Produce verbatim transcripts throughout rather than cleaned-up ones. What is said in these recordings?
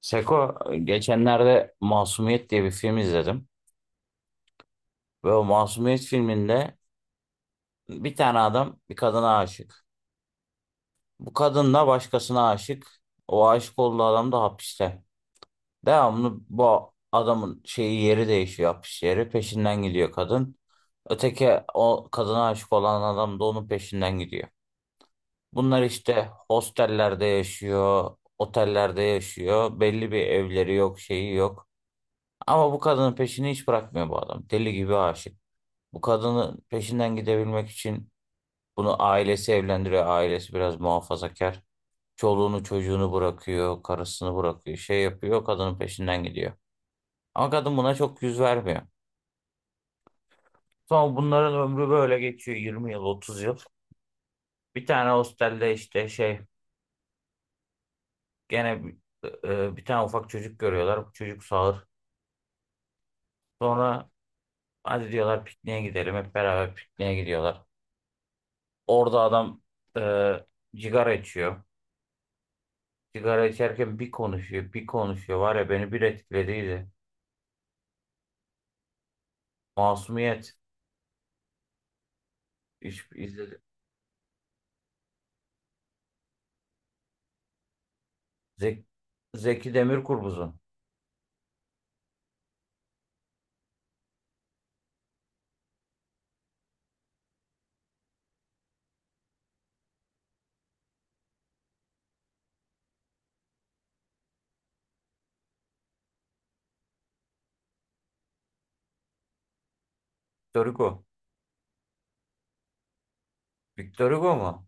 Seko, geçenlerde Masumiyet diye bir film izledim. Ve o Masumiyet filminde bir tane adam bir kadına aşık. Bu kadın da başkasına aşık. O aşık olduğu adam da hapiste. Devamlı bu adamın şeyi yeri değişiyor hapis yeri. Peşinden gidiyor kadın. Öteki o kadına aşık olan adam da onun peşinden gidiyor. Bunlar işte hostellerde yaşıyor, otellerde yaşıyor. Belli bir evleri yok, şeyi yok. Ama bu kadının peşini hiç bırakmıyor bu adam. Deli gibi aşık. Bu kadının peşinden gidebilmek için bunu ailesi evlendiriyor. Ailesi biraz muhafazakar. Çoluğunu çocuğunu bırakıyor, karısını bırakıyor, şey yapıyor, kadının peşinden gidiyor. Ama kadın buna çok yüz vermiyor. Sonra bunların ömrü böyle geçiyor yirmi yıl, otuz yıl. Bir tane hostelde işte şey gene bir e, e, bir tane ufak çocuk görüyorlar. Bu çocuk sağır. Sonra hadi diyorlar pikniğe gidelim. Hep beraber pikniğe gidiyorlar. Orada adam e, cigara içiyor. Sigara içerken bir konuşuyor, bir konuşuyor. Var ya beni bir etkilediydi. Masumiyet. İş, izledim. Zek- Zeki Demirkubuz'un. Victor Hugo. Victor Hugo mu?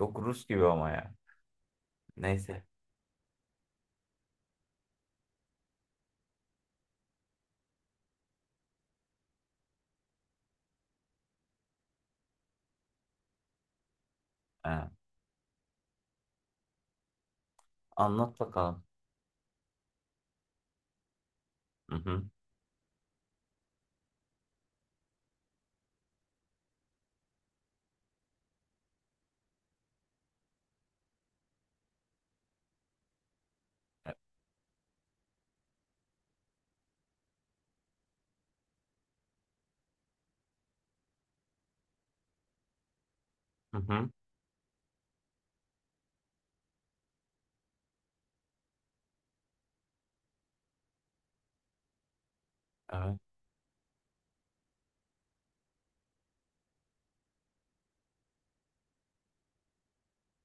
Yok Rus gibi ama ya. Neyse. Ha, Anlat bakalım. Hı hı. Hı hı. Evet.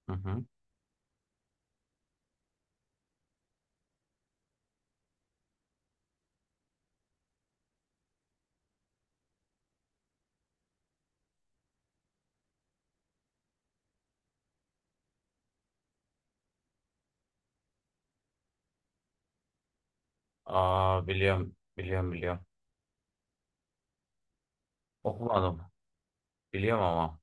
Hı hı. Aa biliyorum. Biliyorum biliyorum. Okumadım. Biliyorum ama.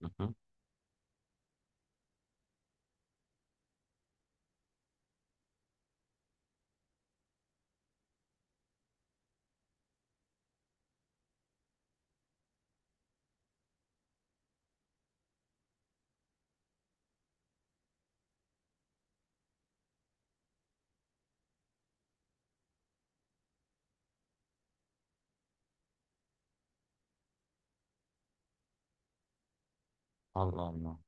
Hı hı. Allah Allah.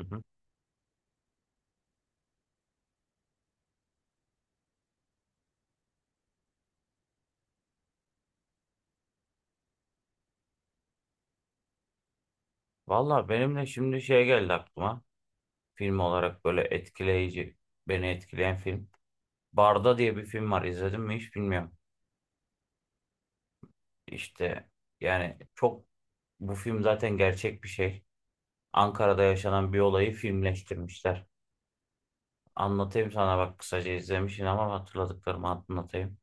Hı hı. Valla benimle şimdi şey geldi aklıma. Film olarak böyle etkileyici, beni etkileyen film. Barda diye bir film var. İzledin mi hiç bilmiyorum. İşte yani çok bu film zaten gerçek bir şey. Ankara'da yaşanan bir olayı filmleştirmişler. Anlatayım sana bak kısaca izlemişsin ama hatırladıklarımı anlatayım.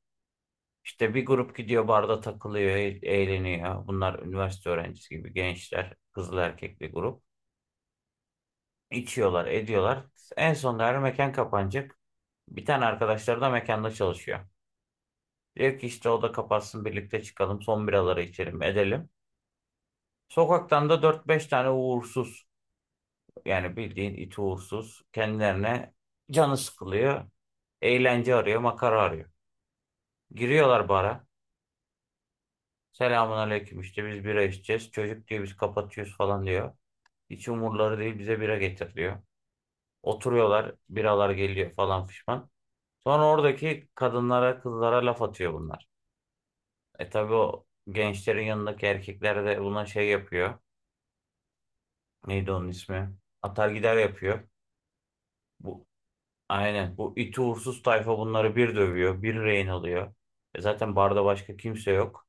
İşte bir grup gidiyor barda takılıyor, e- eğleniyor. Bunlar üniversite öğrencisi gibi gençler, kızlı erkekli grup. İçiyorlar, ediyorlar. En sonunda her mekan kapanacak. Bir tane arkadaşları da mekanda çalışıyor. Diyor ki işte o da kapatsın birlikte çıkalım, son biraları içelim, edelim. Sokaktan da dört beş tane uğursuz yani bildiğin iti uğursuz kendilerine canı sıkılıyor. Eğlence arıyor, makara arıyor. Giriyorlar bara. Selamun aleyküm işte biz bira içeceğiz. Çocuk diyor biz kapatıyoruz falan diyor. Hiç umurları değil bize bira getir diyor. Oturuyorlar biralar geliyor falan fişman. Sonra oradaki kadınlara kızlara laf atıyor bunlar. E tabi o gençlerin yanındaki erkekler de buna şey yapıyor. Neydi onun ismi? Atar gider yapıyor. Bu Aynen. Bu iti uğursuz tayfa bunları bir dövüyor, bir rehin alıyor. E zaten barda başka kimse yok.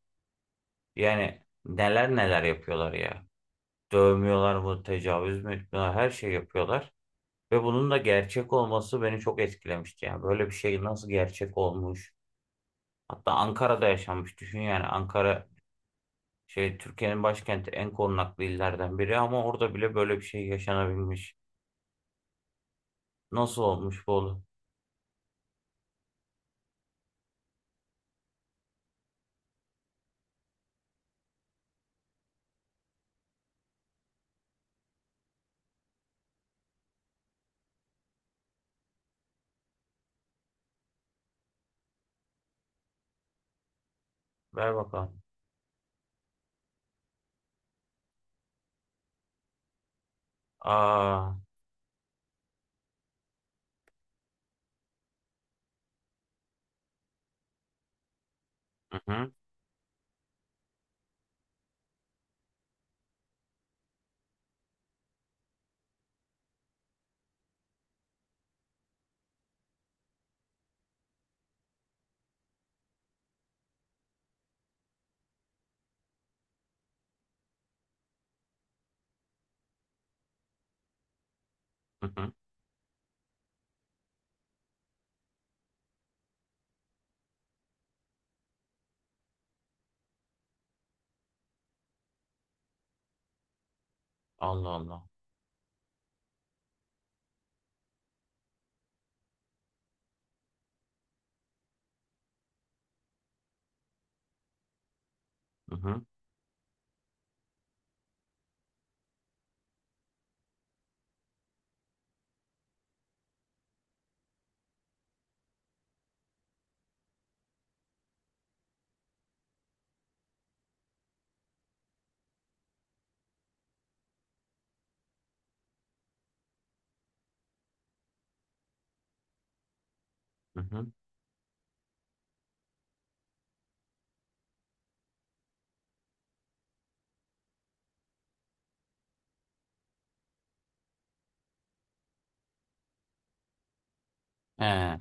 Yani neler neler yapıyorlar ya. Dövmüyorlar mı, tecavüz mü etmiyorlar, her şey yapıyorlar. Ve bunun da gerçek olması beni çok etkilemişti. Yani böyle bir şey nasıl gerçek olmuş? Hatta Ankara'da yaşanmış. Düşün yani Ankara şey Türkiye'nin başkenti en korunaklı illerden biri ama orada bile böyle bir şey yaşanabilmiş. Nasıl olmuş bu oğlum? Ver bakalım. Aa, hı hı, hı hı. Allah Allah. Hı hı. Hı hı. He,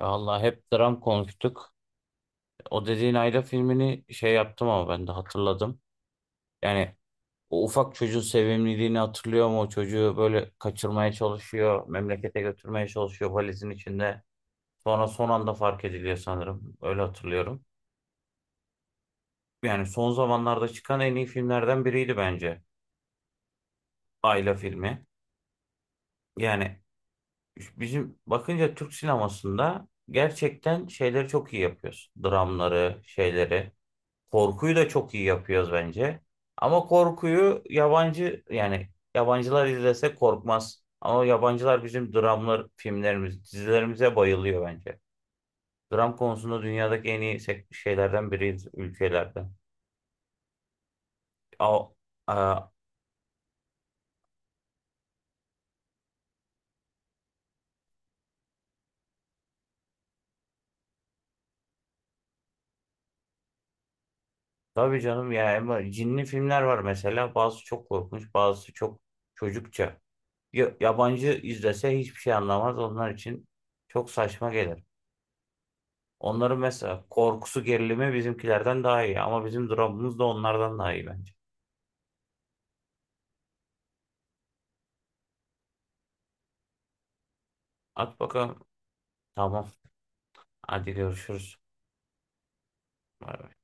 vallahi hep dram konuştuk. O dediğin Ayla filmini şey yaptım ama ben de hatırladım. Yani o ufak çocuğun sevimliliğini hatırlıyor mu? O çocuğu böyle kaçırmaya çalışıyor, memlekete götürmeye çalışıyor valizin içinde. Sonra son anda fark ediliyor sanırım. Öyle hatırlıyorum. Yani son zamanlarda çıkan en iyi filmlerden biriydi bence Ayla filmi. Yani bizim bakınca Türk sinemasında gerçekten şeyleri çok iyi yapıyoruz. Dramları, şeyleri. Korkuyu da çok iyi yapıyoruz bence. Ama korkuyu yabancı yani yabancılar izlese korkmaz. Ama yabancılar bizim dramlar, filmlerimiz, dizilerimize bayılıyor bence. Dram konusunda dünyadaki en iyi sek- şeylerden biriyiz ülkelerden. A, a, tabii canım ya ama cinli filmler var mesela. Bazısı çok korkunç, bazısı çok çocukça. Ya- yabancı izlese hiçbir şey anlamaz. Onlar için çok saçma gelir. Onların mesela korkusu gerilimi bizimkilerden daha iyi ama bizim dramımız da onlardan daha iyi bence. At bakalım. Tamam. Hadi görüşürüz. Bay bay.